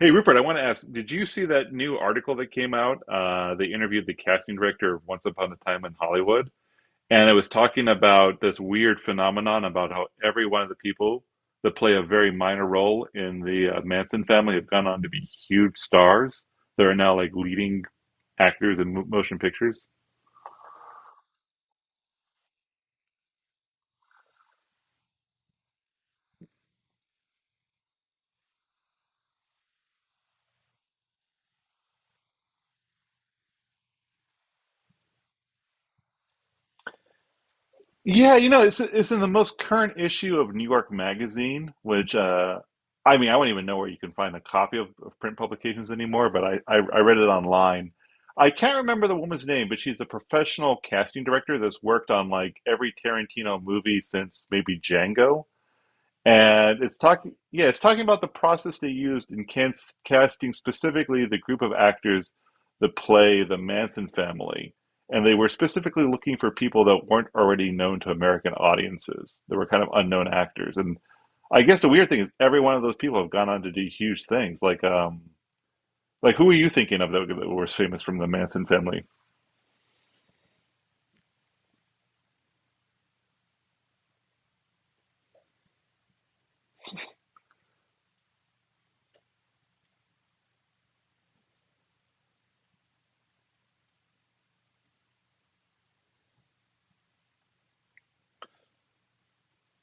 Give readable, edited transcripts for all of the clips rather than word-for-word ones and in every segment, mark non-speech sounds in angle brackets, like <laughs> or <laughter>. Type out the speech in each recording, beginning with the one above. Hey Rupert, I want to ask, did you see that new article that came out? They interviewed the casting director of Once Upon a Time in Hollywood, and it was talking about this weird phenomenon about how every one of the people that play a very minor role in the Manson family have gone on to be huge stars. They're now like leading actors in motion pictures. Yeah, you know, it's in the most current issue of New York Magazine, which I mean, I wouldn't even know where you can find a copy of print publications anymore, but I read it online. I can't remember the woman's name, but she's a professional casting director that's worked on like every Tarantino movie since maybe Django, and it's talking yeah it's talking about the process they used in casting, specifically the group of actors that play the Manson family. And they were specifically looking for people that weren't already known to American audiences. They were kind of unknown actors. And I guess the weird thing is every one of those people have gone on to do huge things, like like who are you thinking of that was famous from the Manson family?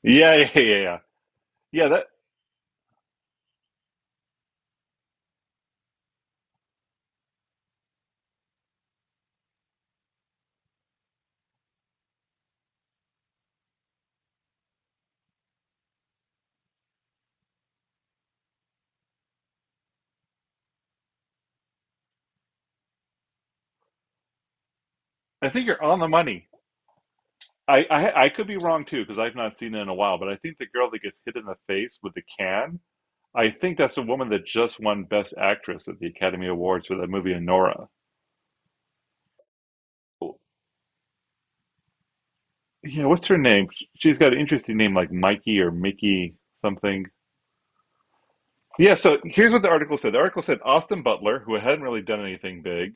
Yeah, yeah, yeah, yeah, yeah. Yeah, that, I think you're on the money. I could be wrong too because I've not seen it in a while, but I think the girl that gets hit in the face with the can, I think that's the woman that just won Best Actress at the Academy Awards for that movie Anora. Yeah, what's her name? She's got an interesting name like Mikey or Mickey something. Yeah, so here's what the article said. The article said Austin Butler, who hadn't really done anything big,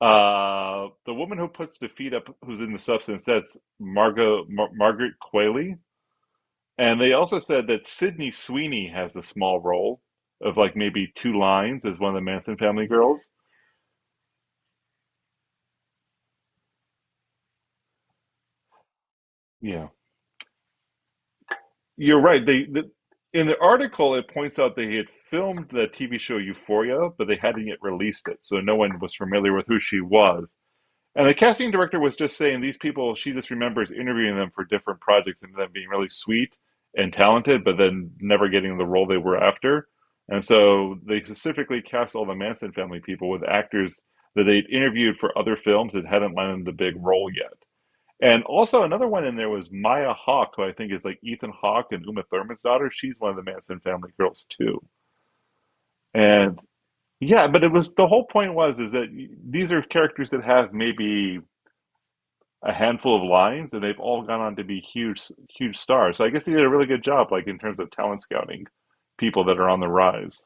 the woman who puts the feet up, who's in the substance, that's Margaret Qualley. And they also said that Sydney Sweeney has a small role of like maybe two lines as one of the Manson family girls. Yeah, you're right. In the article it points out they had filmed the TV show Euphoria, but they hadn't yet released it, so no one was familiar with who she was. And the casting director was just saying these people, she just remembers interviewing them for different projects and them being really sweet and talented, but then never getting the role they were after. And so they specifically cast all the Manson family people with actors that they'd interviewed for other films that hadn't landed the big role yet. And also another one in there was Maya Hawke, who I think is like Ethan Hawke and Uma Thurman's daughter. She's one of the Manson family girls too. And yeah, but it was the whole point was is that these are characters that have maybe a handful of lines, and they've all gone on to be huge, huge stars. So I guess they did a really good job, like in terms of talent scouting, people that are on the rise.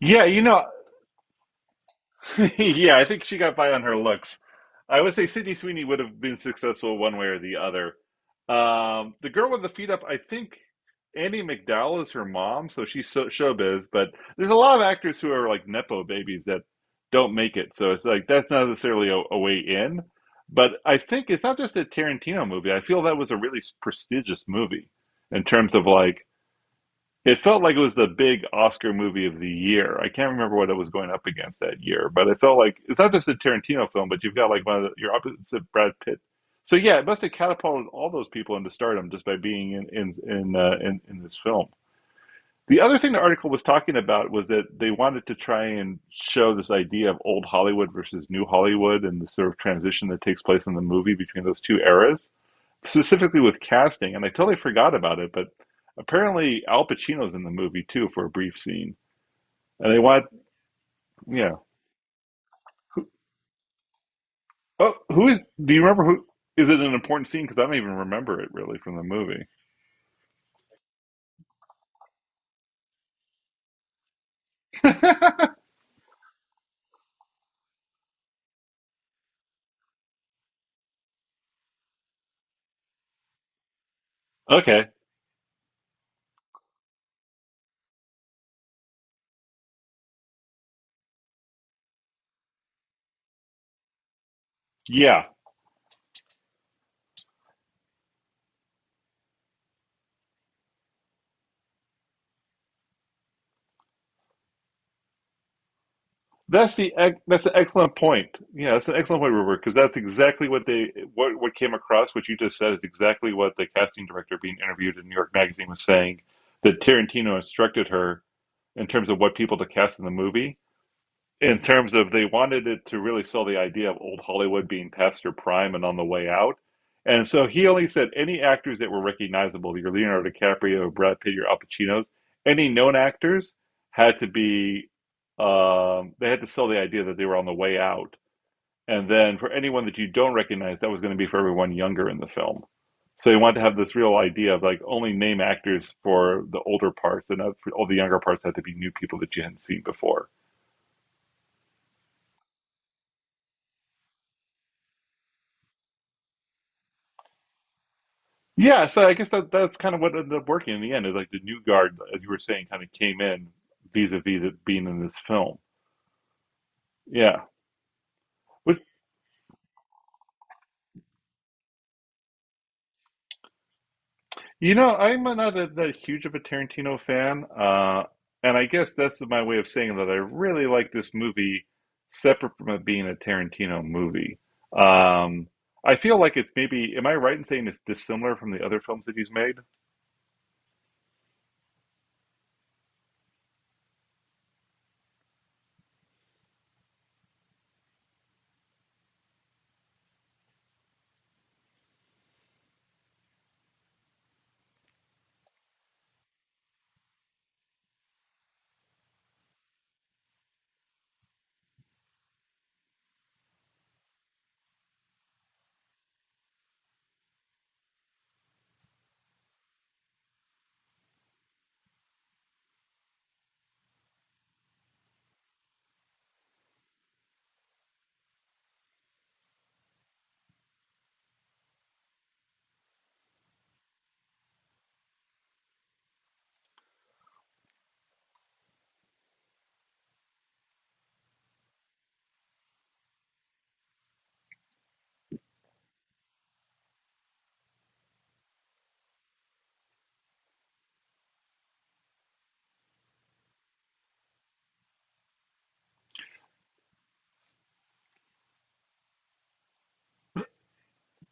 Yeah, you know, <laughs> yeah, I think she got by on her looks. I would say Sydney Sweeney would have been successful one way or the other. The girl with the feet up, I think Annie McDowell is her mom, so she's so, showbiz. But there's a lot of actors who are like nepo babies that don't make it, so it's like that's not necessarily a way in. But I think it's not just a Tarantino movie. I feel that was a really prestigious movie in terms of like it felt like it was the big Oscar movie of the year. I can't remember what it was going up against that year, but it felt like it's not just a Tarantino film, but you've got like one of your opposite Brad Pitt. So yeah, it must have catapulted all those people into stardom just by being in this film. The other thing the article was talking about was that they wanted to try and show this idea of old Hollywood versus new Hollywood and the sort of transition that takes place in the movie between those two eras, specifically with casting, and I totally forgot about it, but apparently Al Pacino's in the movie too for a brief scene, and they want, yeah. Who, oh, who is? Do you remember who? Is it an important scene? Because I don't even remember it really from the movie. <laughs> Okay, yeah, that's an excellent point. Yeah, that's an excellent point, Robert, because that's exactly what they what came across. What you just said is exactly what the casting director being interviewed in New York Magazine was saying, that Tarantino instructed her in terms of what people to cast in the movie, in terms of they wanted it to really sell the idea of old Hollywood being past their prime and on the way out. And so he only said any actors that were recognizable, your Leonardo DiCaprio, Brad Pitt, your Al Pacinos, any known actors had to be, they had to sell the idea that they were on the way out. And then for anyone that you don't recognize, that was going to be for everyone younger in the film. So he wanted to have this real idea of like only name actors for the older parts, and for all the younger parts had to be new people that you hadn't seen before. Yeah, so I guess that that's kind of what ended up working in the end is like the new guard, as you were saying, kind of came in vis-a-vis it being in this film. Yeah, which, you know, I'm not that huge of a Tarantino fan, and I guess that's my way of saying that I really like this movie, separate from it being a Tarantino movie. Um, I feel like it's maybe, am I right in saying it's dissimilar from the other films that he's made?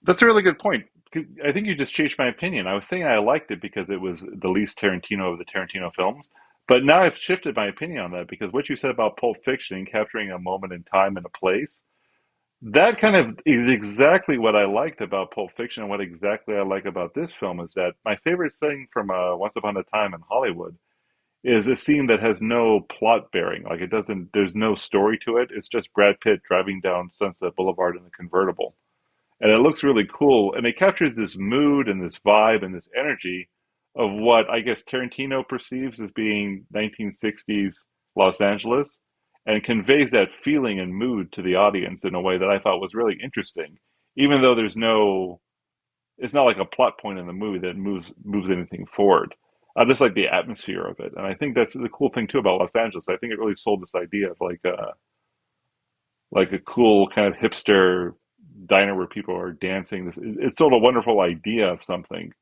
That's a really good point. I think you just changed my opinion. I was saying I liked it because it was the least Tarantino of the Tarantino films, but now I've shifted my opinion on that because what you said about Pulp Fiction, capturing a moment in time and a place, that kind of is exactly what I liked about Pulp Fiction, and what exactly I like about this film is that my favorite thing from Once Upon a Time in Hollywood is a scene that has no plot bearing. Like it doesn't, there's no story to it. It's just Brad Pitt driving down Sunset Boulevard in a convertible and it looks really cool. And it captures this mood and this vibe and this energy of what I guess Tarantino perceives as being 1960s Los Angeles, and conveys that feeling and mood to the audience in a way that I thought was really interesting. Even though there's no, it's not like a plot point in the movie that moves anything forward. I just like the atmosphere of it, and I think that's the cool thing too about Los Angeles. I think it really sold this idea of like a cool kind of hipster diner where people are dancing. This it's sort of a wonderful idea of something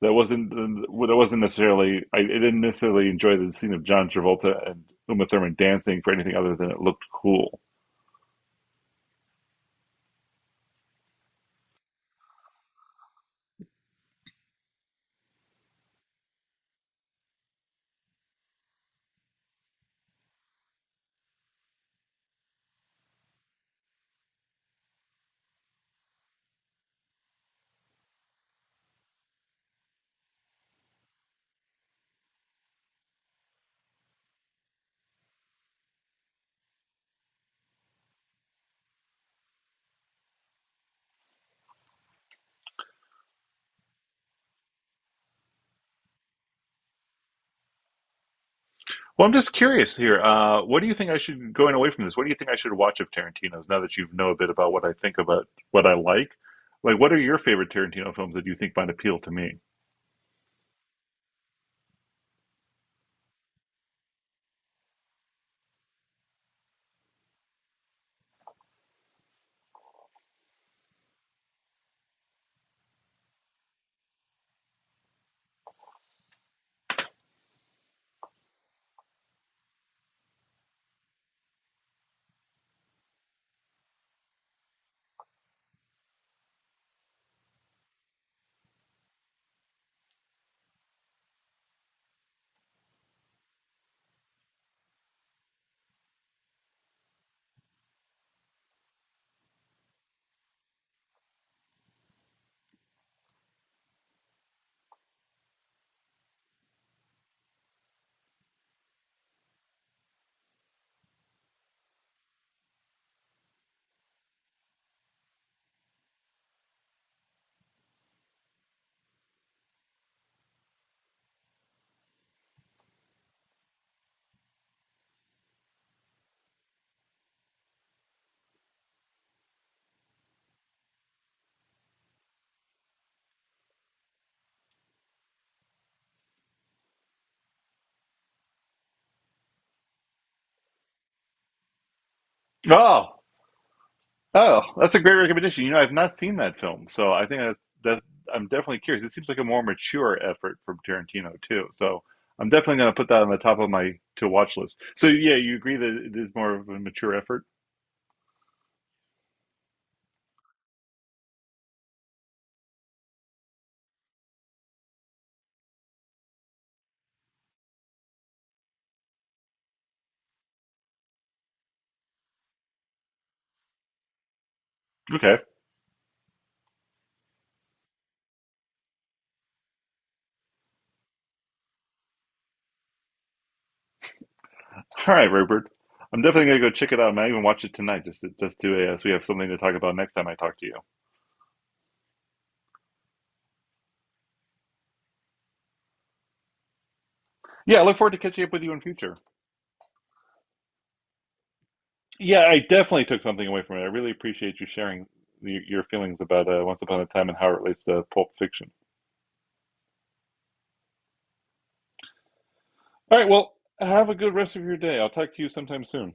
that wasn't necessarily. Didn't necessarily enjoy the scene of John Travolta and Uma Thurman dancing for anything other than it looked cool. Well, I'm just curious here. What do you think I should going away from this? What do you think I should watch of Tarantino's now that you know a bit about what I think about what I like? Like, what are your favorite Tarantino films that you think might appeal to me? Oh. Oh, that's a great recommendation. You know, I've not seen that film, so I think that's, I'm definitely curious. It seems like a more mature effort from Tarantino too, so I'm definitely going to put that on the top of my to watch list. So yeah, you agree that it is more of a mature effort? Okay, all right, Rupert. I'm definitely going to go check it out. I might even watch it tonight, just to, as we have something to talk about next time I talk to you. Yeah, I look forward to catching up with you in future. Yeah, I definitely took something away from it. I really appreciate you sharing your feelings about Once Upon a Time and how it relates to Pulp Fiction. All right. Well, have a good rest of your day. I'll talk to you sometime soon.